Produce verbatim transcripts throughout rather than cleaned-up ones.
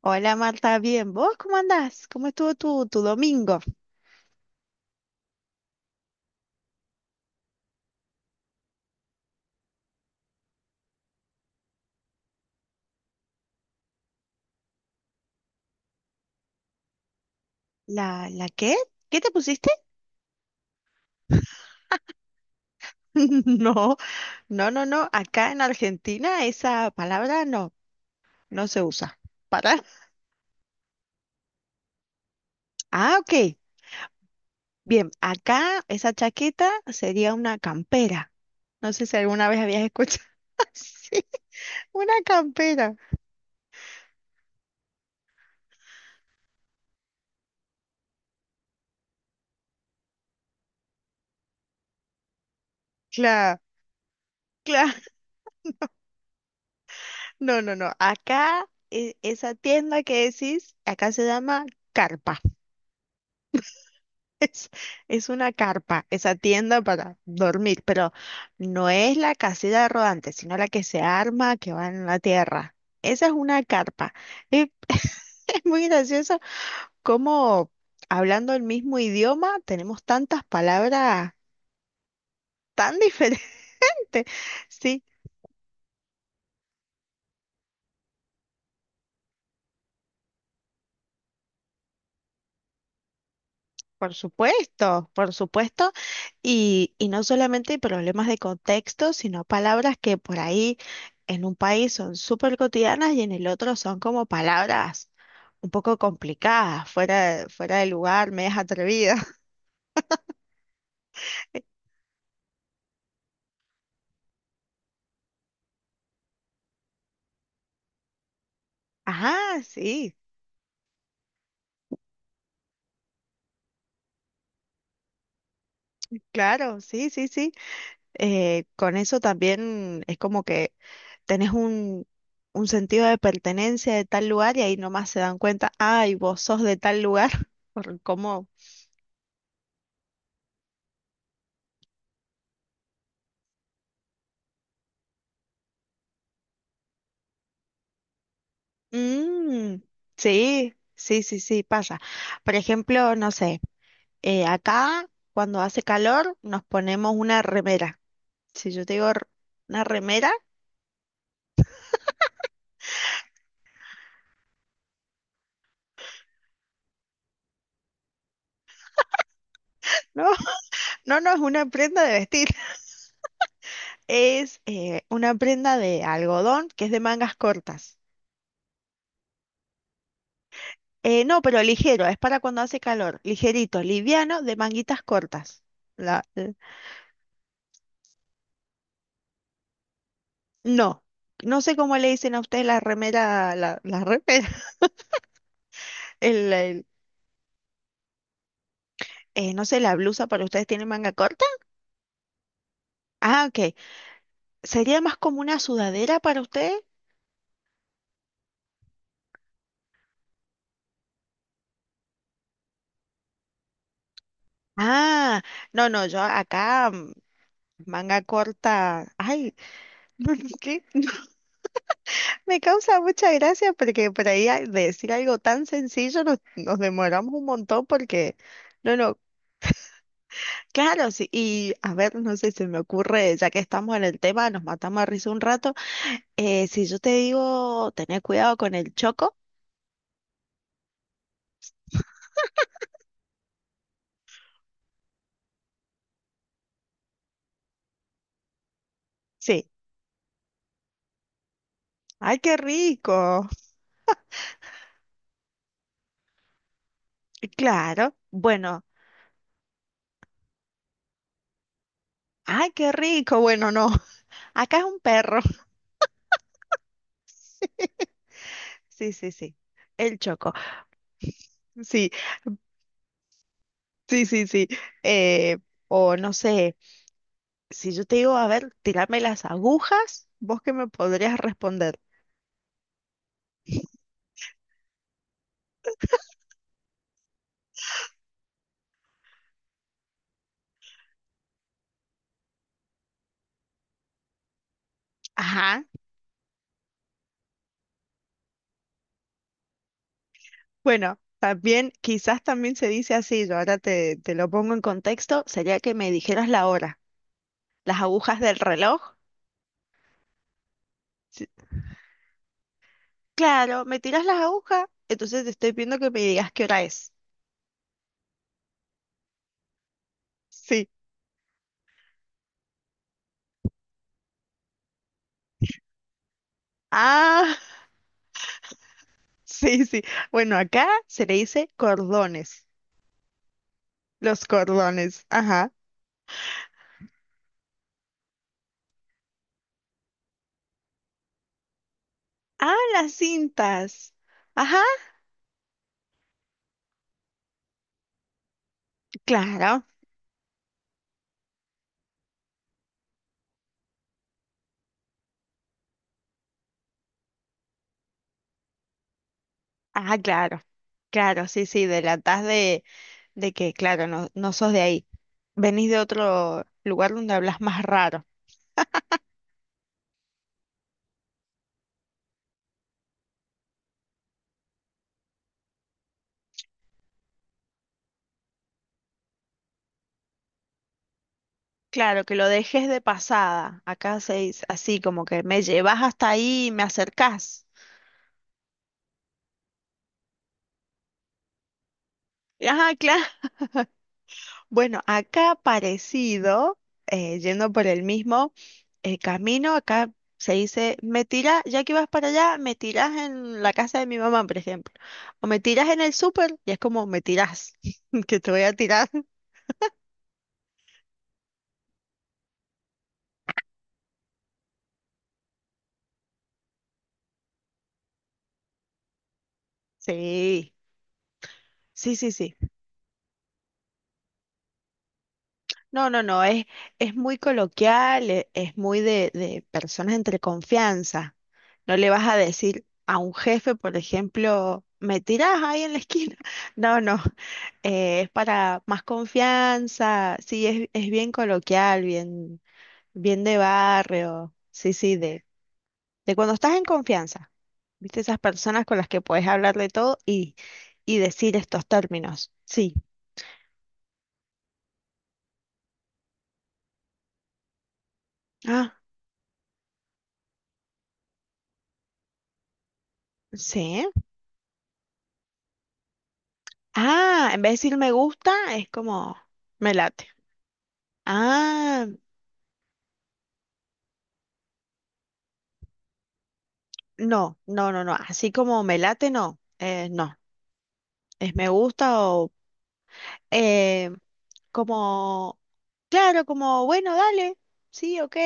Hola Marta, bien. ¿Vos cómo andás? ¿Cómo estuvo tu, tu domingo? ¿La, la qué? ¿Qué te pusiste? No, no, no, no. Acá en Argentina esa palabra no, no se usa. ¿Para? Ah, ok. Bien, acá esa chaqueta sería una campera. No sé si alguna vez habías escuchado. Sí, una campera. Claro. No, no, no. Acá, e- esa tienda que decís, acá se llama carpa. Es, es una carpa, esa tienda para dormir, pero no es la casita rodante, sino la que se arma, que va en la tierra. Esa es una carpa. Y es muy gracioso cómo hablando el mismo idioma tenemos tantas palabras tan diferentes. Sí, por supuesto, por supuesto. Y, y no solamente problemas de contexto, sino palabras que por ahí en un país son súper cotidianas y en el otro son como palabras un poco complicadas, fuera, de- fuera de lugar, medias atrevidas. Ajá, sí, claro, sí, sí, sí. Eh, con eso también es como que tenés un, un sentido de pertenencia de tal lugar y ahí nomás se dan cuenta, ay, vos sos de tal lugar, por cómo... Mm, sí, sí, sí, sí, pasa. Por ejemplo, no sé. Eh, acá, cuando hace calor, nos ponemos una remera. Si yo te digo r- una remera, no, no, no es una prenda de vestir, es eh, una prenda de algodón que es de mangas cortas. Eh, no, pero ligero, es para cuando hace calor, ligerito, liviano, de manguitas cortas. La, eh, no, no sé cómo le dicen a ustedes la remera, la, la remera, el, el- eh, no sé, la blusa para ustedes tiene manga corta. Ah, ok. ¿Sería más como una sudadera para ustedes? Ah, no, no, yo acá mm, manga corta. Ay, ¿por ¿qué? Me causa mucha gracia porque por ahí a- decir algo tan sencillo nos, nos demoramos un montón porque, no, no, claro, sí. Y a ver, no sé, se me ocurre, ya que estamos en el tema, nos matamos a risa un rato. Eh, si yo te digo, tener cuidado con el choco, sí. Ay, qué rico. Claro, bueno, ay, qué rico. Bueno, no, acá es un perro. Sí, sí, sí. El choco. Sí, sí, sí, sí. Eh, o no sé, si yo te digo, a ver, tirarme las agujas, ¿vos qué me podrías responder? Ajá. Bueno, también, quizás también se dice así, yo ahora te, te lo pongo en contexto, sería que me dijeras la hora, las agujas del reloj. Sí, claro, me tiras las agujas, entonces te estoy pidiendo que me digas qué hora es. Sí. Ah, sí, sí. Bueno, acá se le dice cordones, los cordones, ajá. Ah, las cintas. Ajá, claro. Ah, claro. Claro, sí, sí, delatás de, de que, claro, no, no sos de ahí. Venís de otro lugar donde hablas más raro. Claro, que lo dejes de pasada. Acá se dice así, como que me llevas hasta ahí y me acercás. Ajá, claro. Bueno, acá parecido, eh, yendo por el mismo. El camino acá se dice, me tiras, ya que vas para allá, me tiras en la casa de mi mamá, por ejemplo. O me tiras en el súper, y es como, me tiras, que te voy a tirar. Sí, sí, sí, sí. No, no, no, es, es muy coloquial, e- es, muy de, de personas entre confianza. No le vas a decir a un jefe, por ejemplo, me tirás ahí en la esquina. No, no, eh, es para más confianza, sí, es, es bien coloquial, bien... Bien de barrio, sí, sí, de, de cuando estás en confianza, viste esas personas con las que puedes hablar de todo y, y decir estos términos. Sí, ah, sí. Ah, en vez de decir me gusta, es como me late. Ah, no, no, no, no, así como me late, no, eh, no, es me gusta o eh, como, claro, como bueno, dale, sí, ok.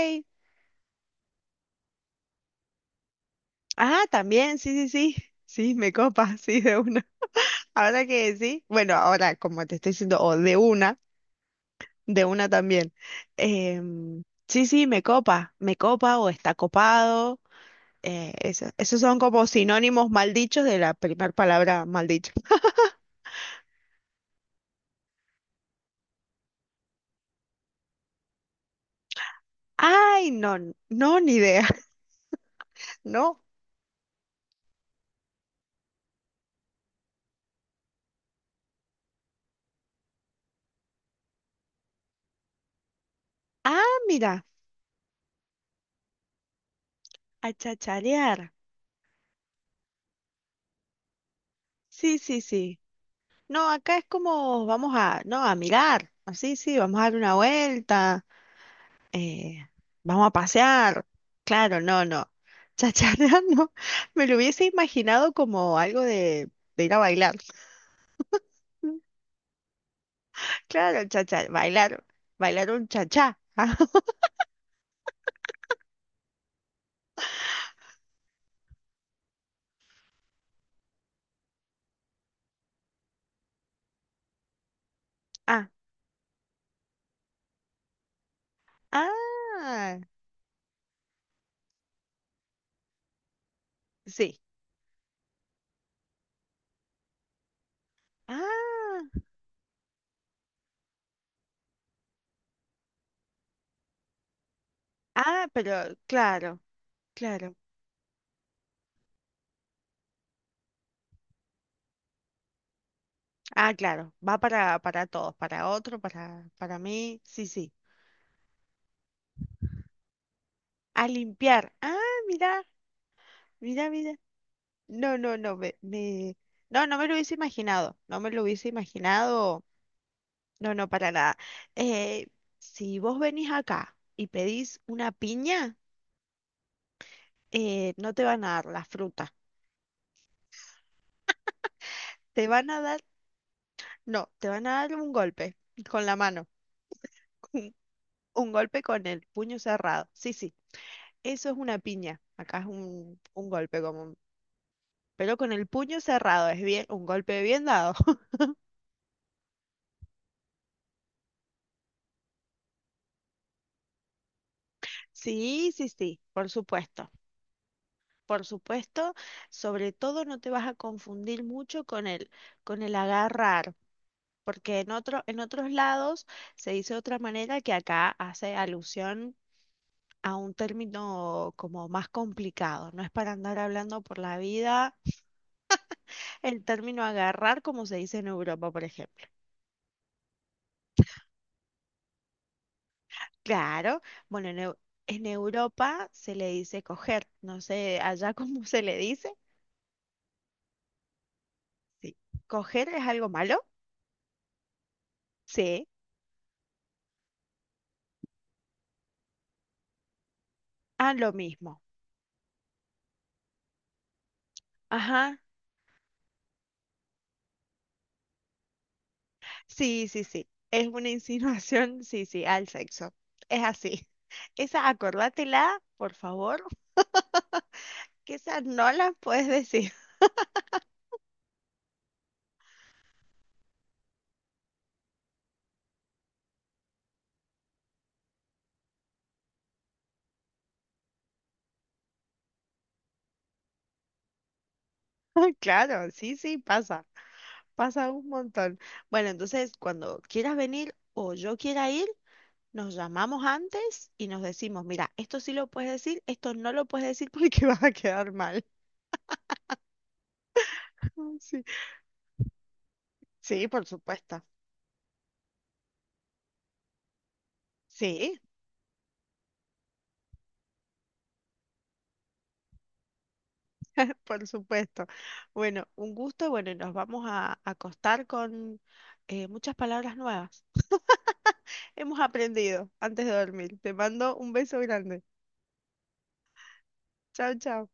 Ah, también, sí, sí, sí, sí, me copa, sí, de una. Ahora que sí, bueno, ahora como te estoy diciendo, o de una, de una también. Em, sí, sí, me copa, me copa o está copado. Eh, eso- esos son como sinónimos mal dichos de la primera palabra mal dicha. Ay, no, no, ni idea, ¿no? Ah, mira, a chacharear. Sí, sí, sí. No, acá es como vamos a, no, a mirar. Así, sí, vamos a dar una vuelta. eh, Vamos a pasear. Claro, no, no. Chacharra no. Me lo hubiese imaginado como algo de, de ir a bailar. Claro, chachar, bailar, bailar un chachá. Ah, ah, sí. Ah, ah, pero claro, claro. Ah, claro. Va para, para todos, para otro, para, para mí. Sí, sí. A limpiar. Ah, mira, mira, mira. No, no, no, me, me- no, no me lo hubiese imaginado. No me lo hubiese imaginado. No, no, para nada. Eh, si vos venís acá y pedís una piña, eh, no te van a dar la fruta. Te van a dar, no, te van a dar un golpe con la mano, un, un golpe con el puño cerrado. Sí, sí, eso es una piña. Acá es un, un golpe común, pero con el puño cerrado, es bien, un golpe bien dado. Sí, sí, sí, por supuesto. Por supuesto, sobre todo no te vas a confundir mucho con el, con el agarrar. Porque en otro, en otros lados se dice de otra manera que acá hace alusión a un término como más complicado, no es para andar hablando por la vida el término agarrar como se dice en Europa, por ejemplo. Claro, bueno, en, Eu- en Europa se le dice coger, no sé, allá cómo se le dice. Sí. ¿Coger es algo malo? Sí. Ah, lo mismo. Ajá. Sí, sí, sí. Es una insinuación, sí, sí, al sexo. Es así. Esa, acordátela, por favor, que esa no la puedes decir. Claro, sí, sí, pasa. Pasa un montón. Bueno, entonces, cuando quieras venir o yo quiera ir, nos llamamos antes y nos decimos, mira, esto sí lo puedes decir, esto no lo puedes decir porque vas a quedar mal. Sí, sí, por supuesto. Sí, por supuesto. Bueno, un gusto. Bueno, y nos vamos a acostar con eh, muchas palabras nuevas. Hemos aprendido antes de dormir. Te mando un beso grande. Chao, chao.